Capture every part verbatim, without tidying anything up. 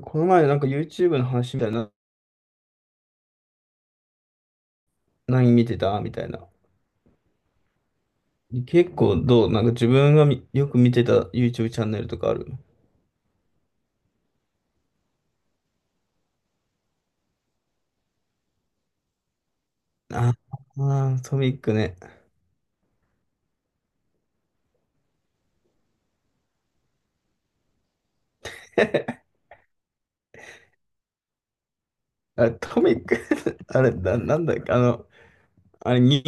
この前なんか ユーチューブ の話みたいな、何見てたみたいな。結構どうなんか自分がみよく見てた YouTube チャンネルとかある？ああー、トミックね。あれ、トミック。 あれ、な、なんだっけ、あの、あれ、に、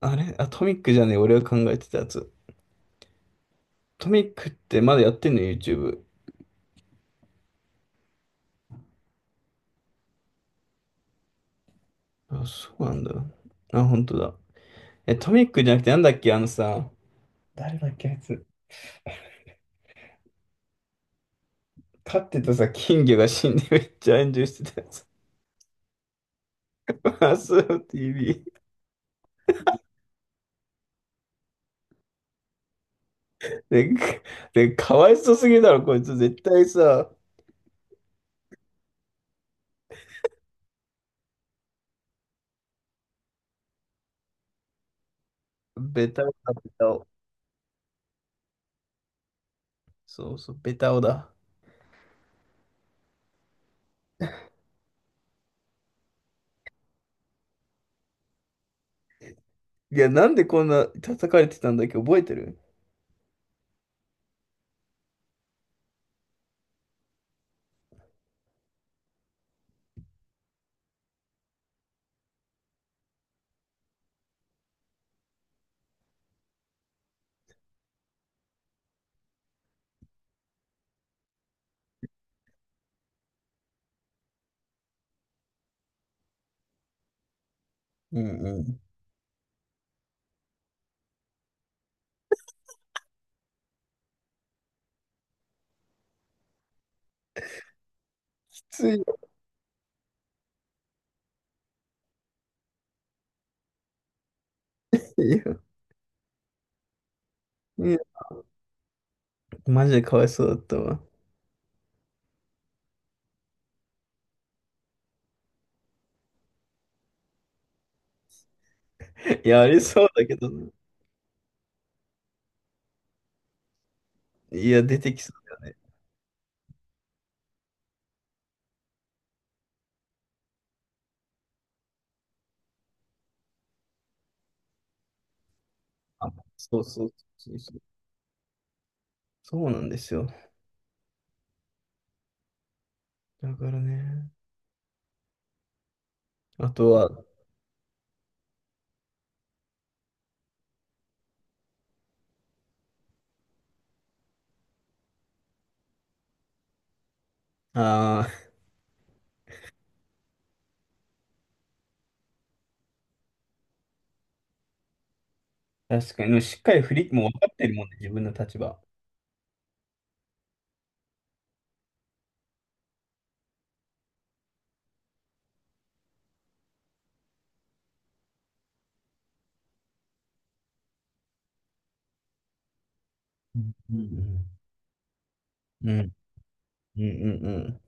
あれ、あ、トミックじゃねえ、俺が考えてたやつ。トミックってまだやってんの？ YouTube。あ、そうなんだ。あ、本当だ。え、トミックじゃなくてなんだっけ、あのさ、誰だっけ、あいつ。飼ってたさ、金魚が死んでめっちゃ炎上してたやつ。マスオ ティーブイ。で、で、かわいそうすぎるだろ、こいつ。絶対さ、ベタオだ、ベタオ。そうそう、ベタオだ。いや、なんでこんな叩かれてたんだっけ、覚えてる？うんうん。きついよ。いや、いや、マジでかわいそうだったわ。いや、ありそうだけどな。いや、出てきそうだよね。あ、そうそうそうそう。そうなんですよ。だからね。あとは、ああ、確かに、しっかり振り、もう分かってるもんね、自分の立場。うんうんうん。うんうんうんうん。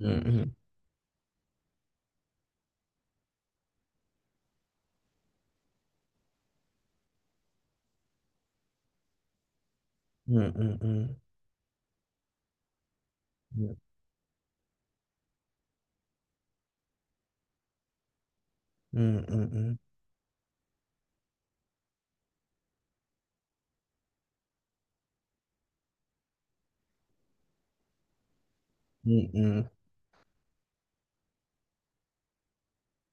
うんうんうんうんうん。うんうんうん。うんうん。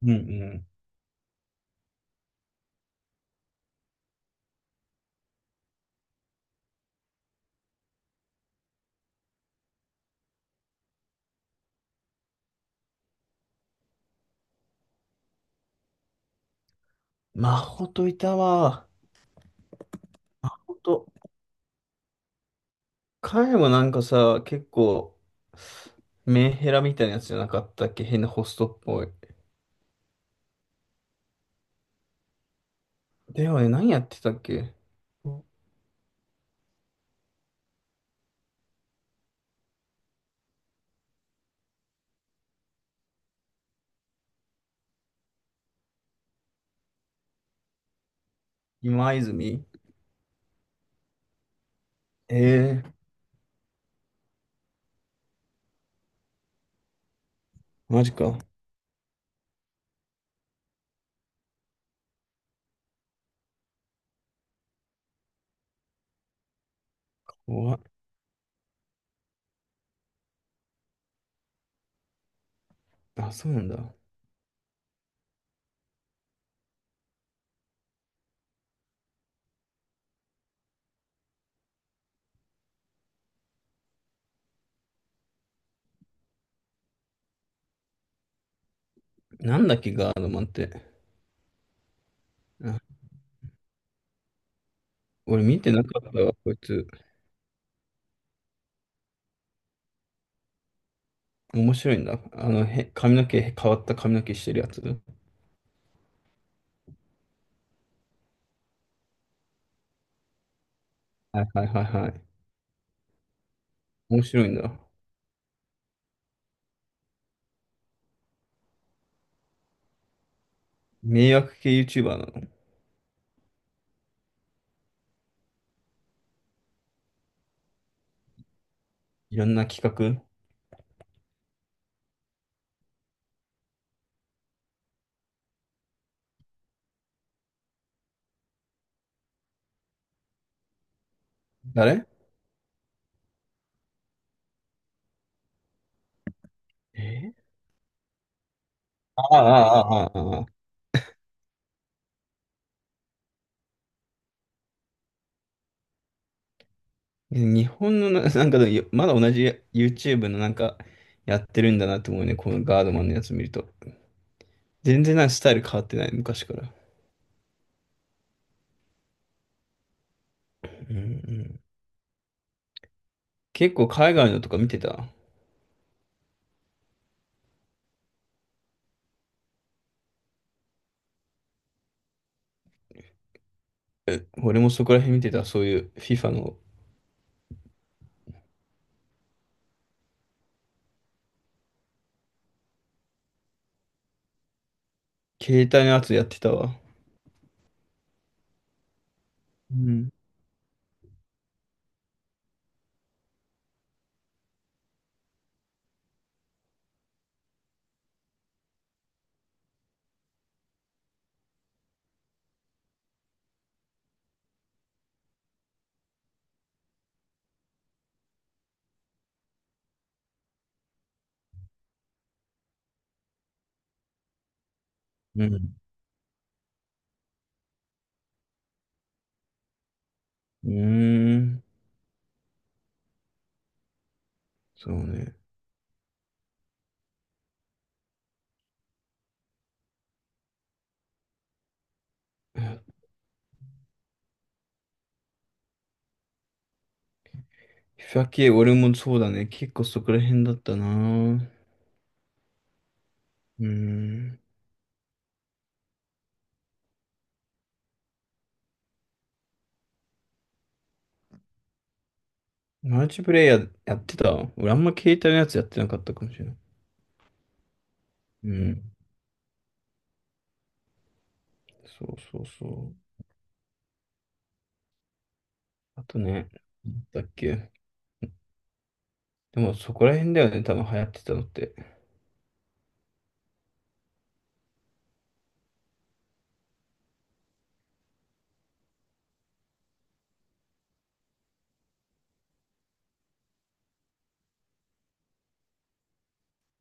うんうん。マホといたわ。ほんと、彼もなんかさ、結構、メンヘラみたいなやつじゃなかったっけ、変なホストっぽい。ではね、何やってたっけ？今泉。ええー、マジか。怖い。あ、そうなんだ。なんだっけ、ガードマンって。あ、俺見てなかったわ、こいつ。面白いんだ。あの、へ、髪の毛、変わった髪の毛してるやつ。はいはいはいはい。面白いんだ。迷惑系 ユーチューバー なの？いろんな企画。誰？えああ、ああ、ああ、ああ。日本のな、なんかでもよまだ同じ YouTube のなんかやってるんだなって思うね。このガードマンのやつ見ると。全然なんかスタイル変わってない、昔から。うんうん、結構海外のとか見てた？え、俺もそこら辺見てた。そういう FIFA の携帯のやつやってたわ。うん。うん。うーん。そうね。FIFA 系、俺もそうだね。結構そこら辺だったな。うーん。マルチプレイヤーやってた？俺あんま携帯のやつやってなかったかもしれない。うん。そうそうそう。あとね、なんだっけ。でもそこら辺だよね、多分流行ってたのって。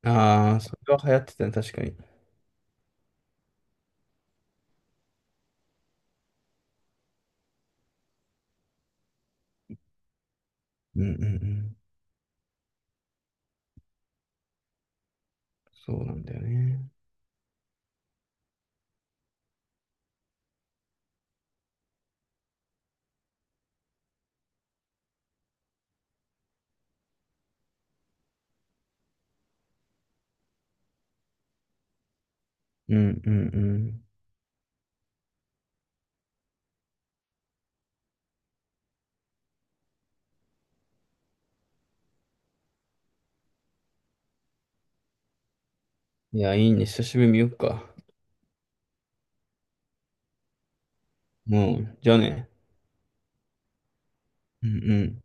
ああ、それは流行ってたね、確かに。うんうんうん。そうなんだよね。うんうんうん。いや、いいね。久しぶりに見よっか。もう、じゃあね。うんうん。